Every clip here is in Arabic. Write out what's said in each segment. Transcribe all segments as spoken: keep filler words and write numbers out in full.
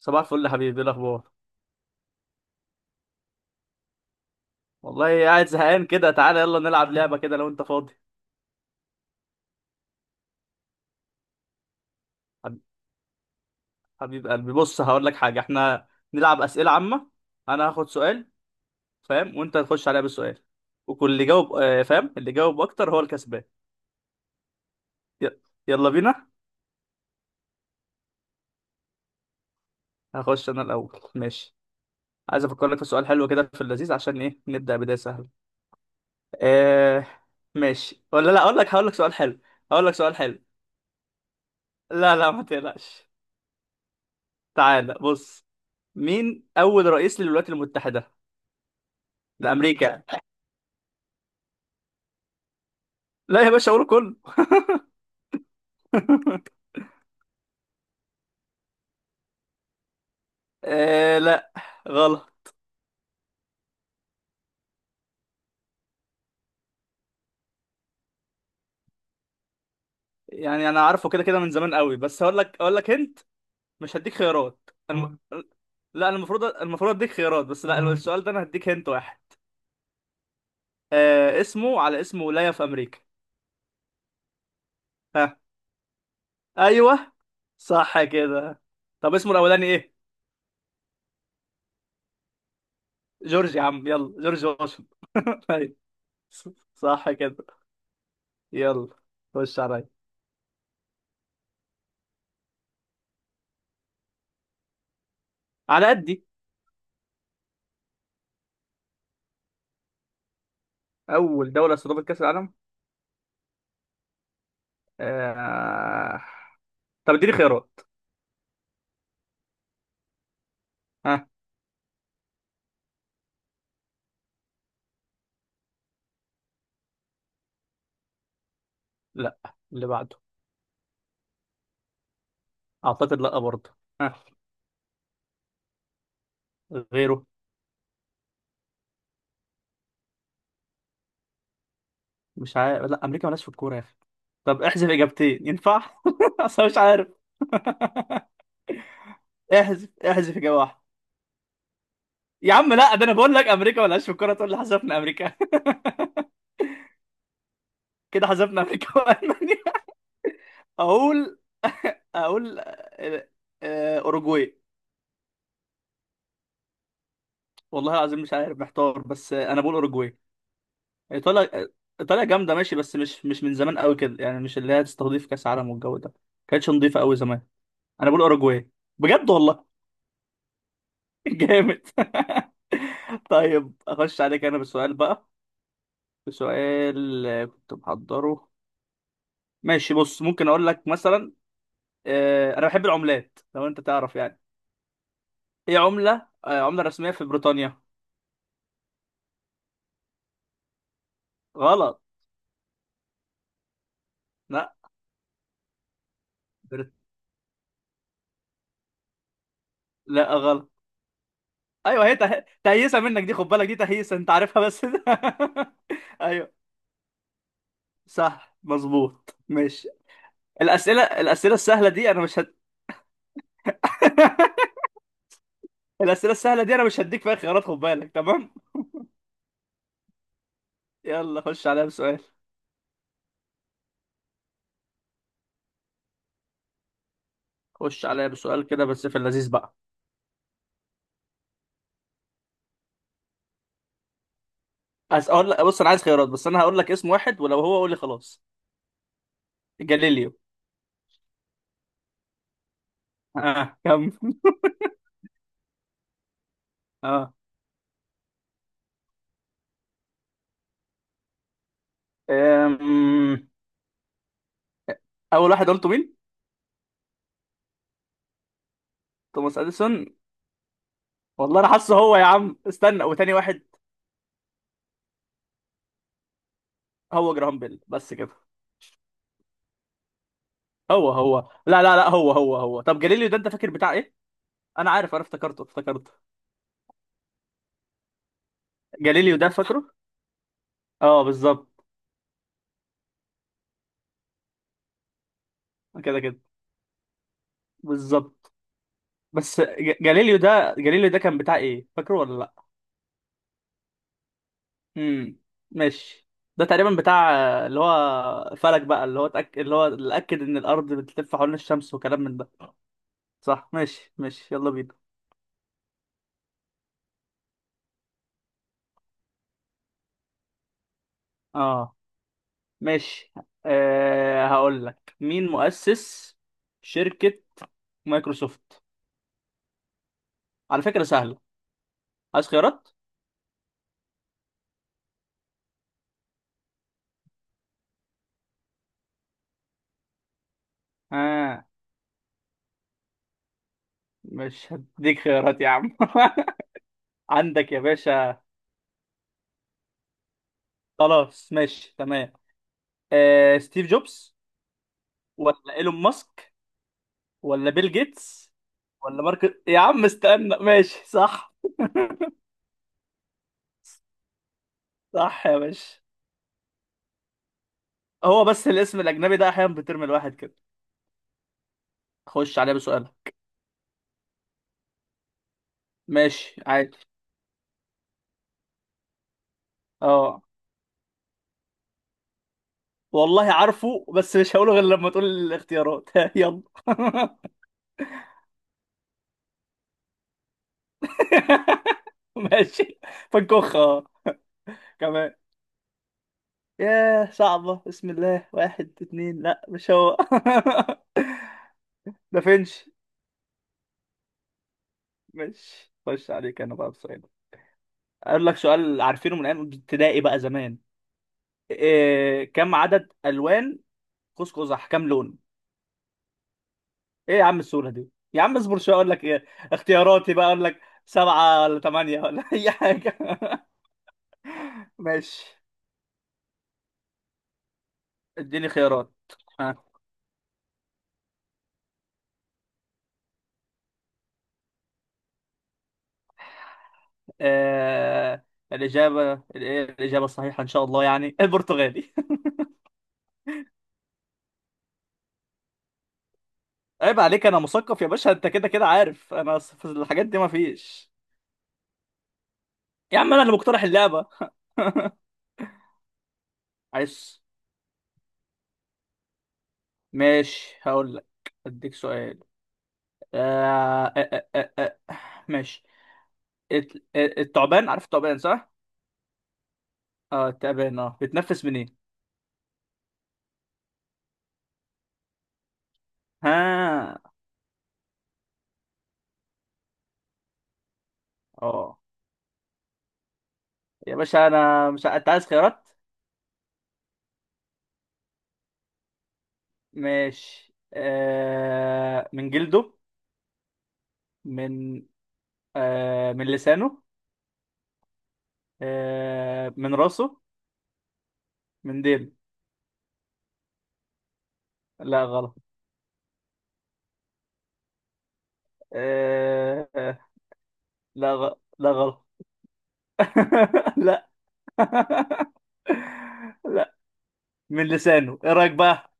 صباح الفل يا حبيبي، ايه الاخبار؟ والله قاعد زهقان كده. تعالى يلا نلعب لعبه كده لو انت فاضي. حب- حبيب قلبي، بص هقول لك حاجه. احنا نلعب اسئله عامه. انا هاخد سؤال، فاهم؟ وانت تخش عليا بالسؤال، وكل اللي جاوب آه، فاهم؟ اللي جاوب اكتر هو الكسبان. ي- يلا بينا. هخش انا الاول، ماشي؟ عايز افكر لك في سؤال حلو كده في اللذيذ، عشان ايه؟ نبدا بدايه سهله. آه ماشي ولا لا؟ اقول لك، هقول لك سؤال حلو. هقول لك سؤال حلو. لا لا، ما تقلقش. تعالى بص، مين اول رئيس للولايات المتحده؟ ده امريكا. لا يا باشا، اقوله كله. آه لا، غلط. يعني انا عارفه كده كده من زمان قوي، بس هقول لك، اقول لك انت. مش هديك خيارات الم... قول. لا، أنا المفروض المفروض اديك خيارات، بس لا، السؤال ده انا هديك هنت واحد. آه، اسمه على اسم ولاية في امريكا. ها. ايوه، صح كده. طب اسمه الاولاني ايه؟ جورج، يا عم يلا، جورج واشنطن. أيوة، صح كده. يلا خش عليا. على قدي. اول دولة استضافت كأس العالم. آه... طب اديني خيارات. ها. لا، اللي بعده. اعتقد لا برضه. ها. غيره. مش عارف، لا، امريكا مالهاش في الكوره يا اخي. طب احذف اجابتين ينفع؟ اصلا مش عارف. احذف، احذف اجابه واحده. يا عم لا، ده انا بقول لك امريكا مالهاش في الكوره، تقول لي حذفنا امريكا؟ كده حذفنا امريكا والمانيا. اقول، اقول آه، آه، اوروجواي. والله العظيم مش عارف، محتار، بس آه، انا بقول اوروجواي. ايطاليا. ايطاليا جامده ماشي، بس مش مش من زمان قوي كده، يعني مش اللي هي تستضيف كاس عالم والجو ده. كانتش نظيفه قوي زمان. انا بقول اوروجواي. بجد والله. جامد. طيب اخش عليك انا بسؤال بقى. بسؤال، آه، كنت محضره. ماشي بص، ممكن اقول لك مثلا، آه، انا بحب العملات لو انت تعرف يعني. ايه عملة، آه، عملة رسمية في بريطانيا؟ غلط. لا. بريط... لا غلط. ايوه، هي ته... تهيسة منك دي، خد بالك دي تهيسة، انت عارفها بس. ايوه، صح مظبوط ماشي. الاسئله الاسئله السهله دي انا مش هت... الأسئلة السهلة دي أنا مش هديك فيها خيارات، خد بالك، تمام. يلا خش عليا بسؤال. خش عليا بسؤال كده بس في اللذيذ بقى. عايز أقول لك، بص أنا عايز خيارات، بس أنا هقول لك اسم واحد ولو هو قول لي خلاص. جاليليو. آه كم. آه. أم... أول واحد قلته مين؟ توماس أديسون. والله أنا حاسه هو، يا عم استنى وتاني واحد. هو جراهام بيل بس كده. هو هو. لا لا لا، هو هو هو طب جاليليو ده أنت فاكر بتاع إيه؟ أنا عارف، أنا افتكرته افتكرته جاليليو ده فاكره؟ أه بالظبط. كده كده. بالظبط. بس ج- جاليليو ده، جاليليو ده كان بتاع ايه؟ فاكره ولا لا؟ امم. ماشي. ده تقريبا بتاع، آه، اللي هو فلك بقى، اللي هو تأك... اللي هو اللي اكد ان الارض بتلف حوالين الشمس وكلام من ده. صح، ماشي ماشي، يلا بينا. اه، ماشي. أه، هقول لك مين مؤسس شركة مايكروسوفت. على فكرة سهلة. عايز خيارات؟ اه. مش هديك خيارات يا عم. عندك يا باشا. خلاص ماشي تمام. أه، ستيف جوبز، ولا ايلون ماسك، ولا بيل جيتس، ولا مارك، يا عم استنى. ماشي صح. صح يا باشا. هو بس الاسم الاجنبي ده احيانا بترمي الواحد كده. خش عليه بسؤال. ماشي عادي. اه. والله عارفه، بس مش هقوله غير لما تقول الاختيارات. يلا. ماشي. فنكوخ اه. كمان. ياه صعبة. بسم الله. واحد اتنين، لا مش هو. ده فينش. ماشي. خش عليك، انا بقى بسؤال. اقول لك سؤال عارفينه من ايام ابتدائي بقى زمان. إيه كم عدد الوان قوس قزح؟ كم لون؟ ايه يا عم السهوله دي؟ يا عم اصبر شويه، اقول لك ايه اختياراتي بقى، اقول لك سبعه ولا ثمانيه ولا اي حاجه. ماشي. اديني خيارات. ها. آه، الاجابه الايه الاجابه الصحيحه ان شاء الله يعني البرتغالي. عيب عليك، انا مثقف يا باشا، انت كده كده عارف انا في الحاجات دي ما فيش. يا عم انا اللي مقترح اللعبه. عايز. ماشي هقول لك. اديك سؤال. آه آه آه آه. آه. ماشي. الت- الثعبان، عارف الثعبان صح؟ اه التعبان اه، بتنفس منين؟ ها. اه، يا باشا انا مش ع- انت عايز خيارات؟ ماشي. آه... من جلده. من، آه... من لسانه. آه... من راسه. من ديله. لا غلط. آه... آه، لا غ... لا غلط. لا. لا من لسانه، ايه رايك بقى؟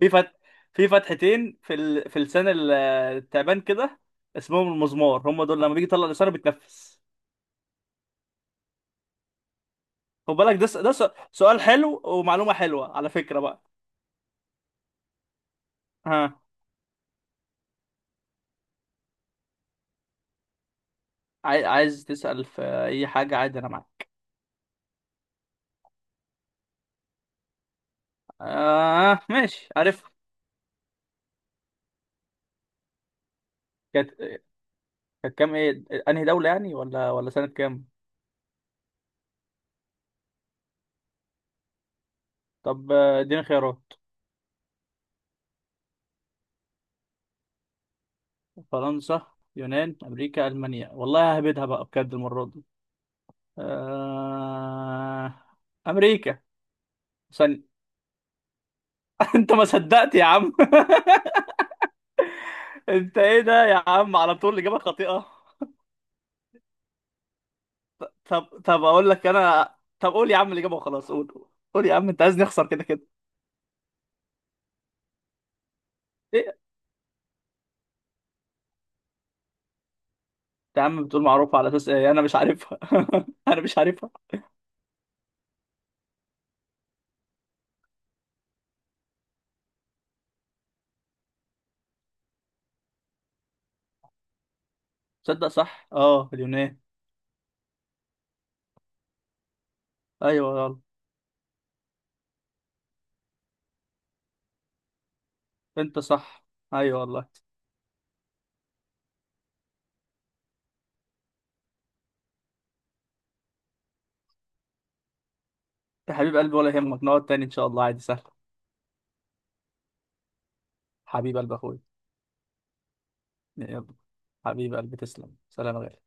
في فت... في فتحتين في ال... في لسان ال- التعبان كده، اسمهم المزمار هم دول، لما بيجي يطلع لسانه بيتنفس. خد بالك ده س... ده س... سؤال حلو ومعلومة حلوة على فكرة بقى. ها. عاي... عايز تسأل في أي حاجة عادي، أنا معاك. آه ماشي عارف. كانت، كانت كام؟ إيه أنهي دولة يعني، ولا ولا سنة كام؟ طب آه، اديني خيارات. فرنسا، يونان، أمريكا، ألمانيا. والله ههبدها بقى بجد المرة دي. آه... أمريكا. ثانية. انت ما صدقت يا عم. انت ايه ده يا عم، على طول الاجابه خاطئه. طب طب اقول لك انا. طب قول يا عم الاجابه وخلاص، قول. قول يا عم، انت عايز نخسر كده كده. ايه، انت يا عم بتقول معروفه على اساس ايه؟ انا مش عارفها. انا مش عارفها. صدق صح اه، اليونان. ايوه يلا. انت صح. ايوه والله. يا حبيب قلبي ولا يهمك، نقعد تاني ان شاء الله، عادي سهل. حبيب قلبي اخويا. يلا. حبيب قلبي، تسلم، سلام يا غالي.